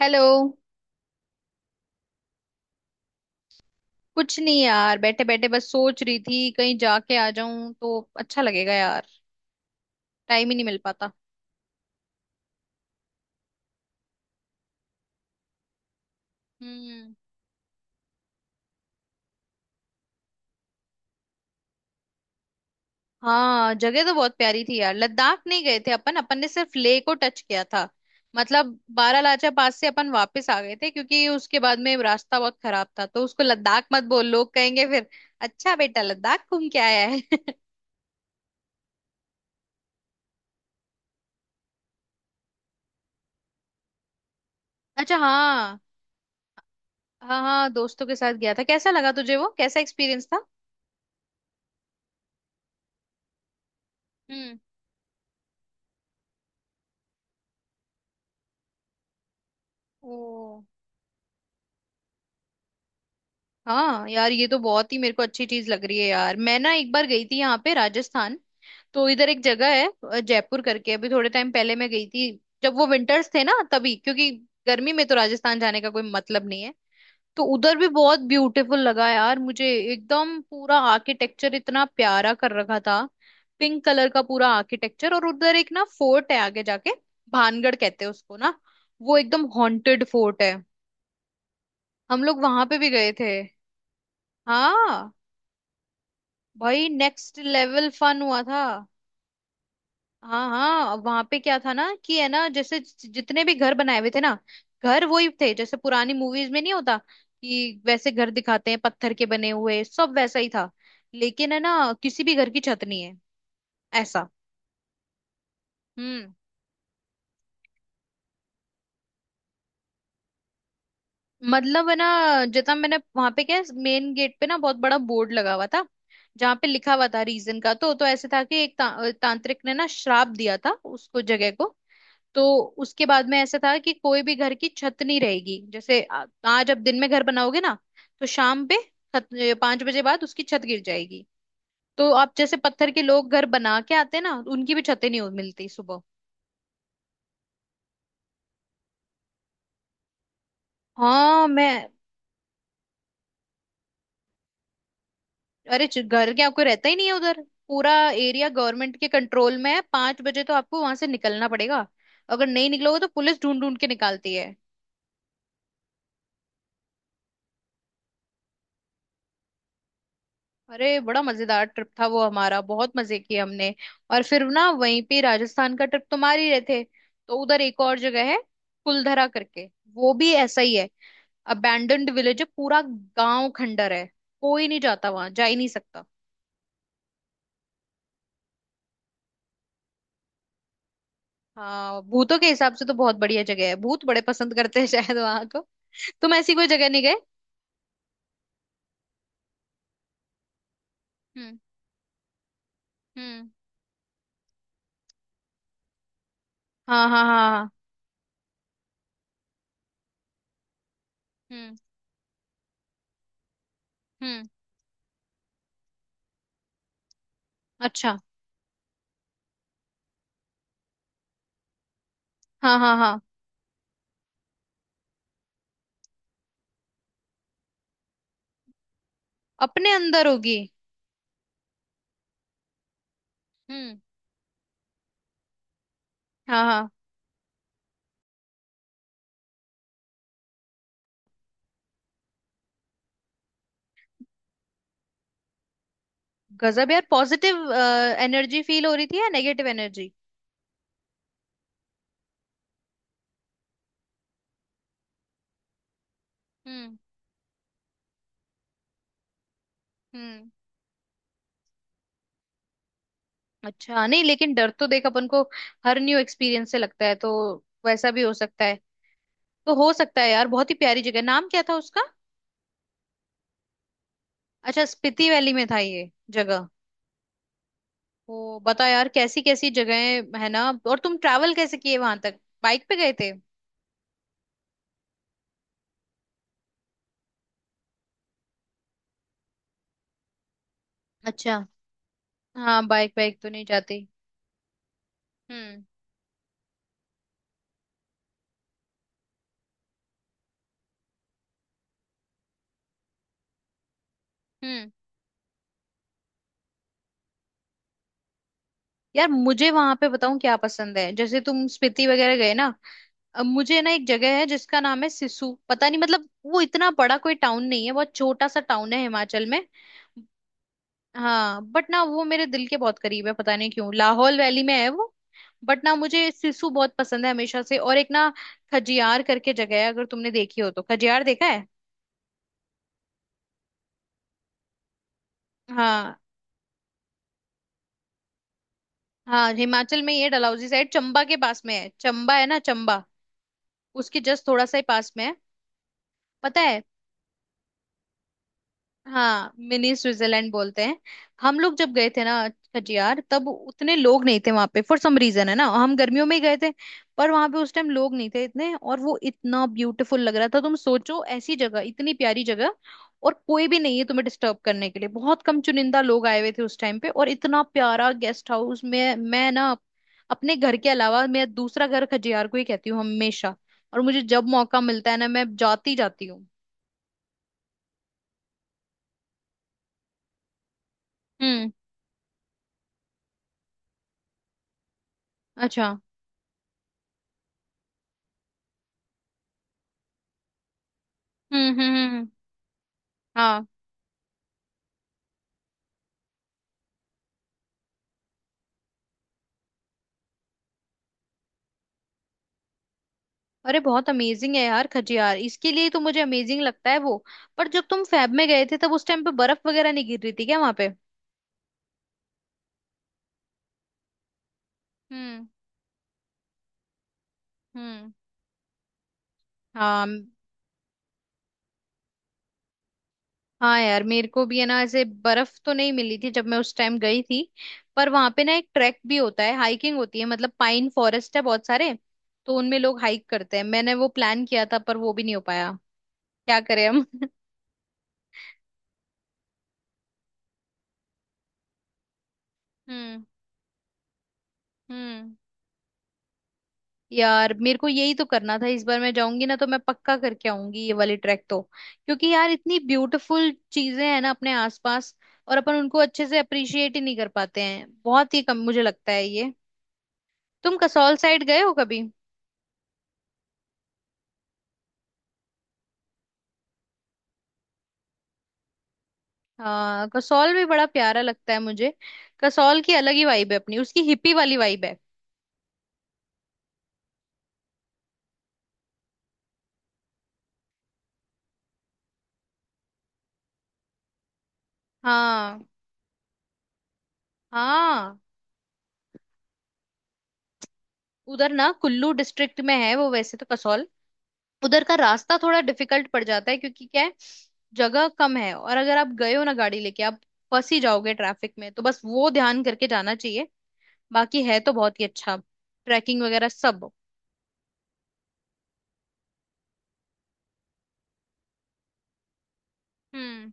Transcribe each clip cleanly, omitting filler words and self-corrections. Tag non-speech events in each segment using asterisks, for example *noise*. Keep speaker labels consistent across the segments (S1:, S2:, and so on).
S1: Hello. कुछ नहीं यार, बैठे बैठे बस सोच रही थी कहीं जाके आ जाऊं तो अच्छा लगेगा यार। टाइम ही नहीं मिल पाता। हम्म। हाँ जगह तो बहुत प्यारी थी यार, लद्दाख नहीं गए थे अपन अपन ने सिर्फ लेह को टच किया था। मतलब बारालाचा पास से अपन वापस आ गए थे क्योंकि उसके बाद में रास्ता बहुत खराब था, तो उसको लद्दाख मत बोल, लोग कहेंगे फिर। अच्छा, बेटा लद्दाख घूम के आया है। *laughs* अच्छा हाँ। हाँ हाँ, दोस्तों के साथ गया था, कैसा लगा तुझे? वो कैसा एक्सपीरियंस था? हम्म। ओ। हाँ यार, ये तो बहुत ही मेरे को अच्छी चीज लग रही है यार। मैं ना एक बार गई थी यहाँ पे राजस्थान, तो इधर एक जगह है, जयपुर करके। अभी थोड़े टाइम पहले मैं गई थी, जब वो विंटर्स थे ना तभी, क्योंकि गर्मी में तो राजस्थान जाने का कोई मतलब नहीं है। तो उधर भी बहुत ब्यूटीफुल लगा यार मुझे। एकदम पूरा आर्किटेक्चर इतना प्यारा कर रखा था। पिंक कलर का पूरा आर्किटेक्चर, और उधर एक ना फोर्ट है आगे जाके, भानगढ़ कहते हैं उसको ना। वो एकदम हॉन्टेड फोर्ट है। हम लोग वहां पे भी गए थे। हाँ। भाई नेक्स्ट लेवल फन हुआ था। हाँ हाँ, वहां पे क्या था ना कि है ना, जैसे जितने भी घर बनाए हुए थे ना, घर वही थे जैसे पुरानी मूवीज में नहीं होता कि वैसे घर दिखाते हैं, पत्थर के बने हुए, सब वैसा ही था। लेकिन है ना, किसी भी घर की छत नहीं है, ऐसा। हम्म। मतलब है ना, जितना मैंने वहां पे क्या मेन गेट पे ना बहुत बड़ा बोर्ड लगा हुआ था जहाँ पे लिखा हुआ था रीजन का, तो ऐसे था कि एक तांत्रिक ने ना श्राप दिया था उसको जगह को। तो उसके बाद में ऐसा था कि कोई भी घर की छत नहीं रहेगी। जैसे आज आप दिन में घर बनाओगे ना, तो शाम पे, छत, पांच बजे बाद उसकी छत गिर जाएगी। तो आप जैसे पत्थर के लोग घर बना के आते हैं ना, उनकी भी छतें नहीं हो- मिलती सुबह। हाँ मैं, अरे घर क्या, कोई रहता ही नहीं है उधर। पूरा एरिया गवर्नमेंट के कंट्रोल में है, पांच बजे तो आपको वहां से निकलना पड़ेगा। अगर नहीं निकलोगे तो पुलिस ढूंढ ढूंढ के निकालती है। अरे बड़ा मजेदार ट्रिप था वो हमारा, बहुत मजे किए हमने। और फिर ना वहीं पे राजस्थान का ट्रिप तो मार ही रहे थे, तो उधर एक और जगह है, कुलधरा करके। वो भी ऐसा ही है। अबैंडन्ड विलेज है, पूरा गांव खंडर है। कोई नहीं जाता, वहां जा ही नहीं सकता। हाँ भूतों के हिसाब से तो बहुत बढ़िया जगह है, भूत बड़े पसंद करते हैं *laughs* शायद वहां को। तुम ऐसी कोई जगह नहीं गए? हम्म। हम्म। हाँ हाँ हाँ हाँ। हम्म। हम्म। अच्छा। हाँ हाँ हाँ, अपने अंदर होगी। हम्म। हाँ हाँ। गजब यार, पॉजिटिव एनर्जी फील हो रही थी या नेगेटिव एनर्जी? हम्म। हम्म। अच्छा नहीं, लेकिन डर तो देख अपन को हर न्यू एक्सपीरियंस से लगता है, तो वैसा भी हो सकता है। तो हो सकता है यार, बहुत ही प्यारी जगह। नाम क्या था उसका? अच्छा, स्पीति वैली में था ये जगह। ओ बता यार, कैसी कैसी जगहें है ना। और तुम ट्रैवल कैसे किए? वहां तक बाइक पे गए थे? अच्छा। हाँ, बाइक बाइक तो नहीं जाती। हम्म। हम्म। यार मुझे वहां पे बताऊं क्या पसंद है, जैसे तुम स्पीति वगैरह गए ना, अब मुझे ना एक जगह है जिसका नाम है सिसु, पता नहीं मतलब, वो इतना बड़ा कोई टाउन नहीं है, बहुत छोटा सा टाउन है हिमाचल में। हाँ, बट ना वो मेरे दिल के बहुत करीब है पता नहीं क्यों, लाहौल वैली में है वो। बट ना मुझे सिसु बहुत पसंद है हमेशा से। और एक ना, खजियार करके जगह है, अगर तुमने देखी हो तो। खजियार देखा है? हाँ हाँ, हिमाचल में ये डलहौजी साइड, चंबा के पास में है। चंबा है ना चंबा, उसके जस्ट थोड़ा सा ही पास में है। पता है। हाँ मिनी स्विट्जरलैंड बोलते हैं। हम लोग जब गए थे ना खजियार, तब उतने लोग नहीं थे वहां पे, फॉर सम रीजन है ना, हम गर्मियों में ही गए थे। पर वहां पे उस टाइम लोग नहीं थे इतने, और वो इतना ब्यूटीफुल लग रहा था। तुम सोचो ऐसी जगह, इतनी प्यारी जगह, और कोई भी नहीं है तुम्हें डिस्टर्ब करने के लिए। बहुत कम चुनिंदा लोग आए हुए थे उस टाइम पे, और इतना प्यारा गेस्ट हाउस। में मैं ना अपने घर के अलावा मेरा दूसरा घर खजियार को ही कहती हूँ हमेशा। और मुझे जब मौका मिलता है ना मैं जाती जाती हूँ। हम्म। अच्छा। हम्म। हम्म। हम्म। हाँ। अरे बहुत अमेजिंग है यार खजियार, इसके लिए तो मुझे अमेजिंग लगता है वो। पर जब तुम फैब में गए थे तब उस टाइम पे बर्फ वगैरह नहीं गिर रही थी क्या वहां पे? हम्म। हम्म। हाँ। हाँ यार, मेरे को भी है ना ऐसे बर्फ तो नहीं मिली थी जब मैं उस टाइम गई थी। पर वहां पे ना एक ट्रैक भी होता है, हाइकिंग होती है, मतलब पाइन फॉरेस्ट है बहुत सारे, तो उनमें लोग हाइक करते हैं। मैंने वो प्लान किया था पर वो भी नहीं हो पाया। क्या करें हम। *laughs* हम्म। हम्म। यार मेरे को यही तो करना था, इस बार मैं जाऊंगी ना तो मैं पक्का करके आऊंगी ये वाली ट्रैक तो, क्योंकि यार इतनी ब्यूटीफुल चीजें हैं ना अपने आसपास, और अपन उनको अच्छे से अप्रिशिएट ही नहीं कर पाते हैं, बहुत ही कम मुझे लगता है ये। तुम कसौल साइड गए हो कभी? हाँ कसौल भी बड़ा प्यारा लगता है मुझे। कसौल की अलग ही वाइब है अपनी, उसकी हिप्पी वाली वाइब है। हाँ। हाँ। उधर ना कुल्लू डिस्ट्रिक्ट में है वो वैसे तो, कसौल। उधर का रास्ता थोड़ा डिफिकल्ट पड़ जाता है, क्योंकि क्या है, जगह कम है, और अगर आप गए हो ना गाड़ी लेके, आप फंस ही जाओगे ट्रैफिक में, तो बस वो ध्यान करके जाना चाहिए। बाकी है तो बहुत ही अच्छा, ट्रैकिंग वगैरह सब। हम्म।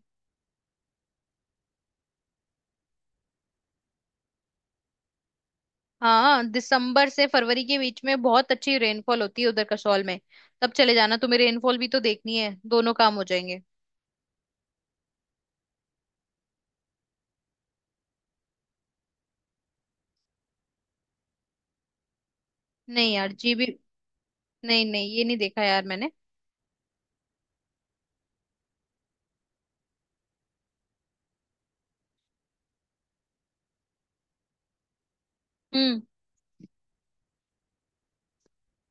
S1: हाँ दिसंबर से फरवरी के बीच में बहुत अच्छी रेनफॉल होती है उधर कसौल में। तब चले जाना, तुम्हें रेनफॉल भी तो देखनी है, दोनों काम हो जाएंगे। नहीं यार जी भी, नहीं नहीं ये नहीं देखा यार मैंने। हम्म।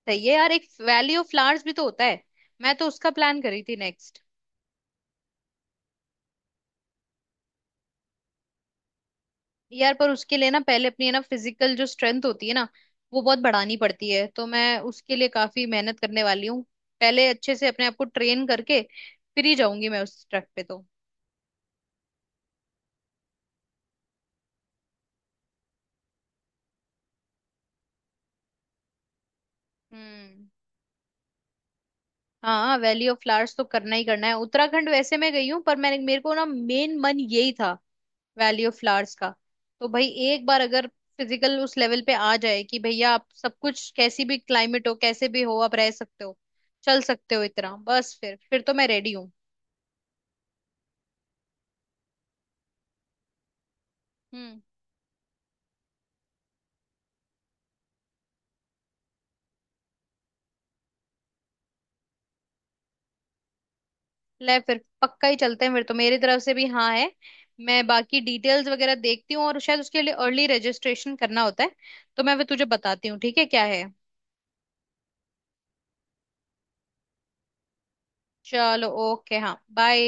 S1: सही है यार, एक वैली ऑफ फ्लावर्स भी तो होता है, मैं तो उसका प्लान करी थी नेक्स्ट। यार पर उसके लिए ना पहले अपनी है ना फिजिकल जो स्ट्रेंथ होती है ना, वो बहुत बढ़ानी पड़ती है, तो मैं उसके लिए काफी मेहनत करने वाली हूँ। पहले अच्छे से अपने आप को ट्रेन करके फिर ही जाऊंगी मैं उस ट्रैक पे तो। हम्म। हाँ, वैली ऑफ फ्लावर्स तो करना ही करना है। उत्तराखंड वैसे मैं गई हूँ, पर मैंने मेरे को ना मेन मन यही था, वैली ऑफ फ्लावर्स का। तो भाई एक बार अगर फिजिकल उस लेवल पे आ जाए कि भैया आप सब कुछ, कैसी भी क्लाइमेट हो, कैसे भी हो, आप रह सकते हो, चल सकते हो, इतना बस, फिर तो मैं रेडी हूँ। हम्म। ले फिर पक्का ही चलते हैं फिर, तो मेरी तरफ से भी हाँ है। मैं बाकी डिटेल्स वगैरह देखती हूँ, और शायद उसके लिए अर्ली रजिस्ट्रेशन करना होता है, तो मैं फिर तुझे बताती हूँ ठीक है क्या? है चलो ओके, हाँ बाय।